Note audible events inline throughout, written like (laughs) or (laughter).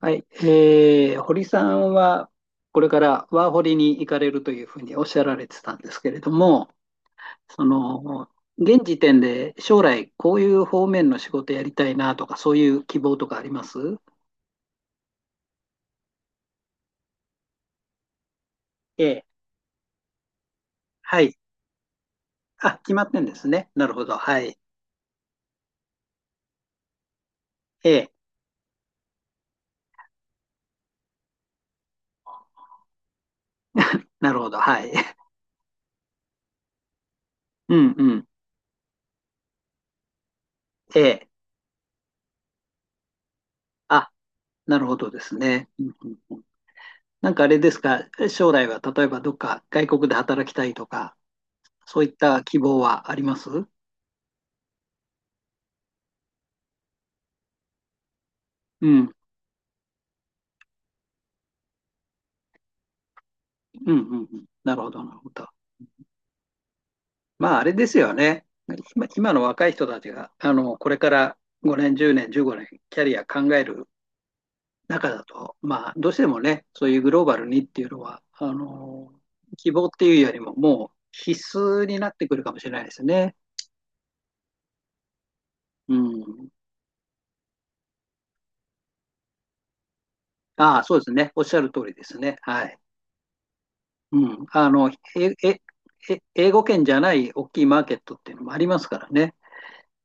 はい。堀さんは、これからワーホリに行かれるというふうにおっしゃられてたんですけれども、その、現時点で将来こういう方面の仕事やりたいなとか、そういう希望とかあります？ええ。はい。あ、決まってんですね。なるほど。はい。ええ。なるほど。はい。(laughs) うんうん。ええ。あ、なるほどですね。うんうんうん。なんかあれですか、将来は例えばどっか外国で働きたいとか、そういった希望はあります？うん。うんうんうん。なるほど、なるほど。まあ、あれですよね。今の若い人たちが、これから5年、10年、15年、キャリア考える中だと、まあ、どうしてもね、そういうグローバルにっていうのは、希望っていうよりも、もう必須になってくるかもしれないですね。うん。ああ、そうですね。おっしゃる通りですね。はい。うん。え、え、英語圏じゃない大きいマーケットっていうのもありますからね。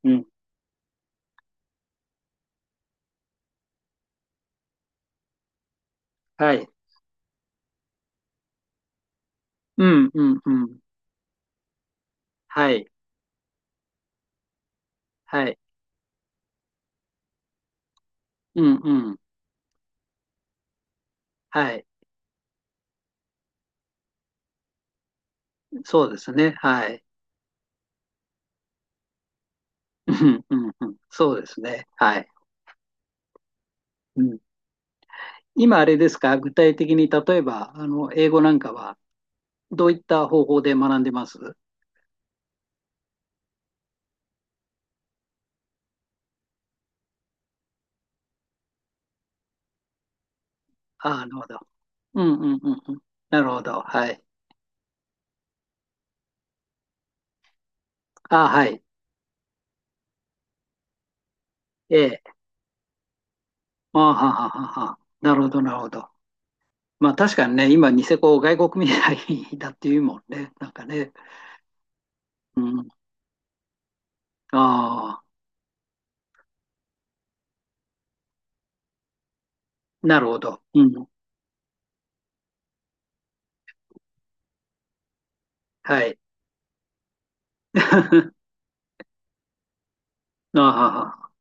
うん。はい。うん、うん、うん。はい。はい。うんうん。はい。そうですね。はい。うんうんうん。そうですね。はい。うん。今あれですか、具体的に例えば、英語なんかはどういった方法で学んでます？ああ、なるほど。うんうんうんうん。なるほど。はい。ああ、はい。ええ。ああ、はあはあはあ。なるほど、なるほど。まあ確かにね、今、ニセコを外国みたいだっていうもんね。なんかね。うん。ああ、なるほど。うん。はい。(laughs) ああ、はあはあ。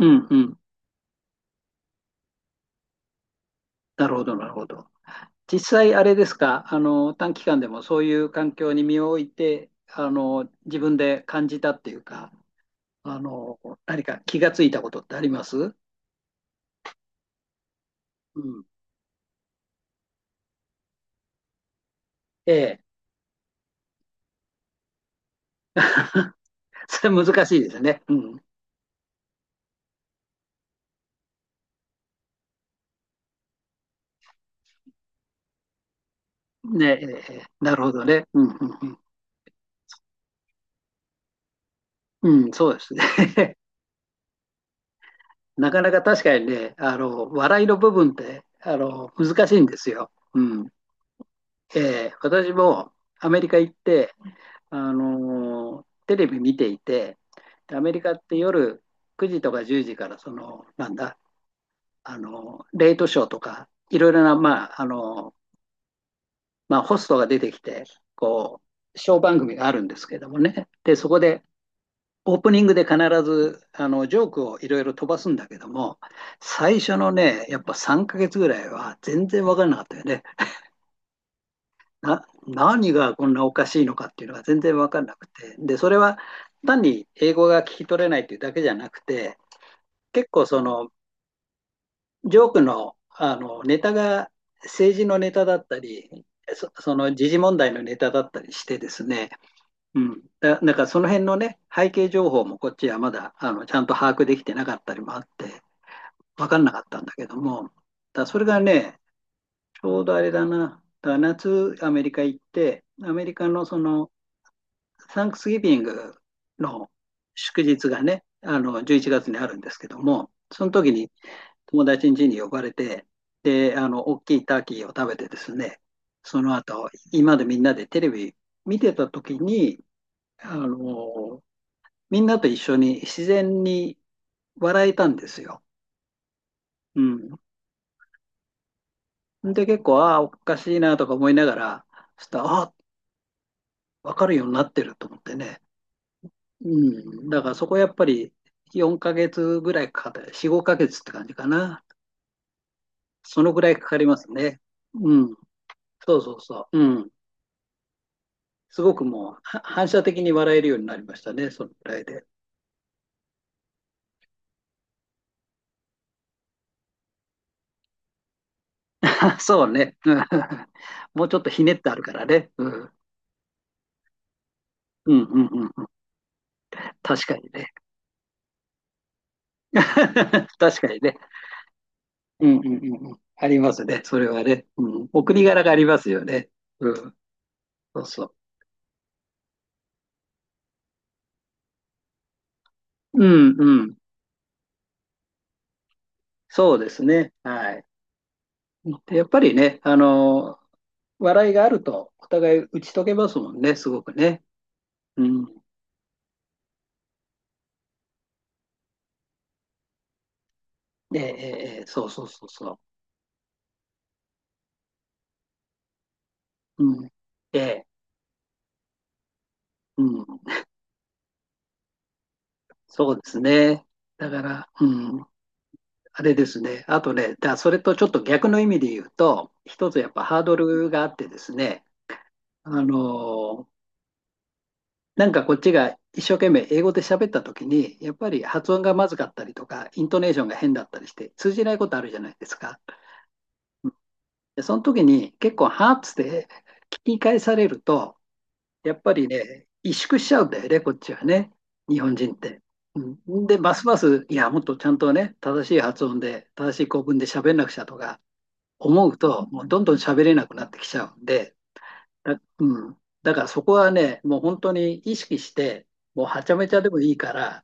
うんうん。なるほど、なるほど。実際あれですか、短期間でもそういう環境に身を置いて、自分で感じたっていうか、あの、何か気がついたことってあります？うん。ええ。(laughs) それ難しいですね。うん。ねえ、なるほどね。うん、うん、うん。うん、そうですね。(laughs) なかなか確かにね、笑いの部分って、難しいんですよ。うん。ええ、私もアメリカ行って、テレビ見ていて、でアメリカって夜9時とか10時からその、なんだ、あのレイトショーとか、いろいろな、まあ、ホストが出てきて、こう、ショー番組があるんですけどもね、でそこでオープニングで必ずジョークをいろいろ飛ばすんだけども、最初のね、やっぱ3ヶ月ぐらいは全然分からなかったよね。何がこんなおかしいのかっていうのが全然分かんなくて、でそれは単に英語が聞き取れないっていうだけじゃなくて、結構そのジョークのネタが政治のネタだったり、その時事問題のネタだったりしてですね、うん、なんからその辺のね背景情報もこっちはまだちゃんと把握できてなかったりもあって分かんなかったんだけども、それがね、ちょうどあれだな、夏アメリカ行ってアメリカのそのサンクスギビングの祝日がね、11月にあるんですけども、その時に友達ん家に呼ばれて、で、大きいターキーを食べてですね、その後、今までみんなでテレビ見てた時に、あの、みんなと一緒に自然に笑えたんですよ。うん。で、結構、ああ、おかしいなとか思いながら、そしたら、ああ、かるようになってると思ってね。うん、だからそこはやっぱり4ヶ月ぐらいかかった、4、5ヶ月って感じかな。そのぐらいかかりますね。うん、そうそうそう。うん、すごくもうは反射的に笑えるようになりましたね、そのぐらいで。あ、そうね。うん。 (laughs) もうちょっとひねってあるからね。うん、うん、うん、うん。確かにね。(laughs) 確かにね。うん、うん、うんうん。ありますね、それはね。うん、お国柄がありますよね。うん、そうそう。うん、うん。そうですね。はい。でやっぱりね、笑いがあると、お互い打ち解けますもんね、すごくね。うん。で、そうそうそうそう。うん。で、うん、そうですね。だから、うん、あれですね。あとね、それとちょっと逆の意味で言うと、一つやっぱハードルがあってですね、あの、なんかこっちが一生懸命英語で喋った時に、やっぱり発音がまずかったりとか、イントネーションが変だったりして、通じないことあるじゃないですか。で、その時に結構ハーツで聞き返されると、やっぱりね、萎縮しちゃうんだよね、こっちはね、日本人って。うん、で、ますます、いや、もっとちゃんとね、正しい発音で、正しい構文で喋んなくちゃとか思うと、もうどんどん喋れなくなってきちゃうんで、うん、だからそこはね、もう本当に意識して、もうはちゃめちゃでもいいから、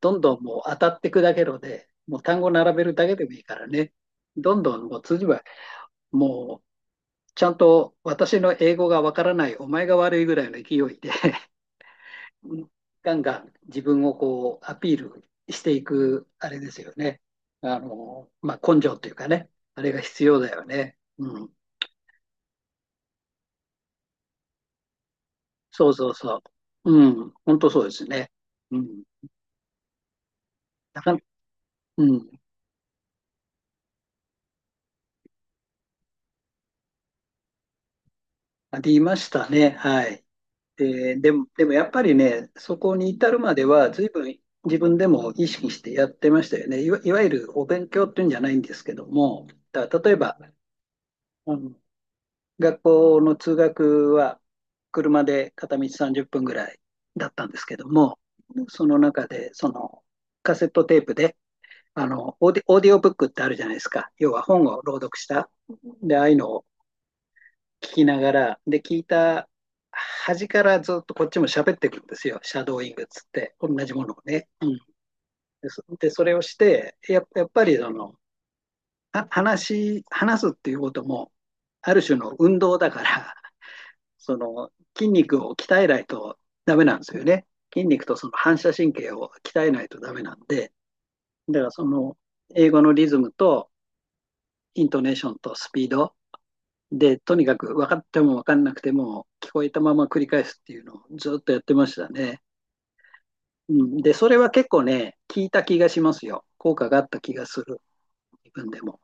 どんどんもう当たっていくだけので、もう単語並べるだけでもいいからね、どんどんもう通じば、もうちゃんと私の英語がわからない、お前が悪いぐらいの勢いで、 (laughs) ガンガン自分をこうアピールしていく、あれですよね。まあ、根性というかね、あれが必要だよね。うん。そうそうそう。うん。本当そうですね。うん。なか、うん。ありましたね。はい。で、でもやっぱりね、そこに至るまでは、随分自分でも意識してやってましたよね。いわゆるお勉強っていうんじゃないんですけども、だから例えば、うん、学校の通学は車で片道30分ぐらいだったんですけども、その中でそのカセットテープでオーディオブックってあるじゃないですか。要は本を朗読した。で、ああいうのを聞きながら、で、聞いた端からずっとこっちも喋ってくるんですよ。シャドーイングっつって、同じものをね。うん、で、それをして、やっぱりその、話すっていうことも、ある種の運動だから、その筋肉を鍛えないとダメなんですよね。筋肉とその反射神経を鍛えないとダメなんで、だからその英語のリズムとイントネーションとスピードで、とにかく分かっても分かんなくても聞こえたまま繰り返すっていうのをずっとやってましたね。うん、で、それは結構ね、効いた気がしますよ。効果があった気がする、自分でも。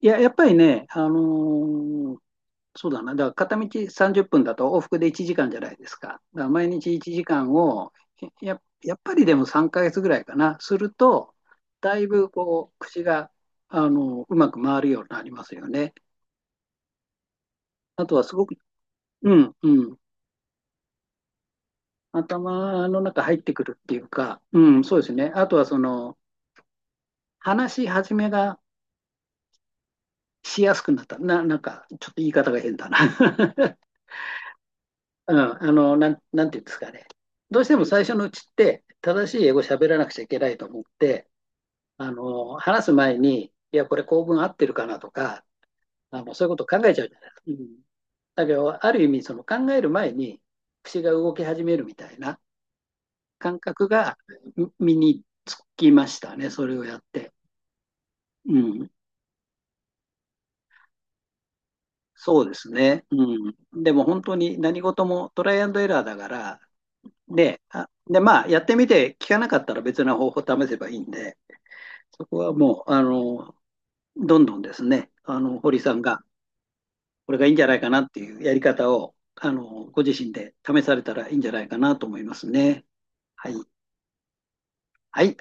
いや、やっぱりね、そうだな。だから片道30分だと往復で1時間じゃないですか。だから毎日1時間を、やっぱりでも3ヶ月ぐらいかな、すると、だいぶこう、口が、うまく回るようになりますよね。あとはすごく、うん、うん。頭の中入ってくるっていうか、うん、そうですね。あとはその、話し始めがしやすくなった。なんか、ちょっと言い方が変だな。(laughs) うん、なんていうんですかね。どうしても最初のうちって、正しい英語喋らなくちゃいけないと思って、話す前に、いや、これ構文合ってるかなとか、そういうこと考えちゃうじゃないですか。うん。だけど、ある意味、その考える前に、口が動き始めるみたいな感覚が身につきましたね、それをやって。うん、そうですね。うん、でも本当に何事もトライアンドエラーだから、で、で、まあ、やってみて、効かなかったら別な方法を試せばいいんで、そこはもう、どんどんですね、堀さんが、これがいいんじゃないかなっていうやり方を、ご自身で試されたらいいんじゃないかなと思いますね。はい。はい。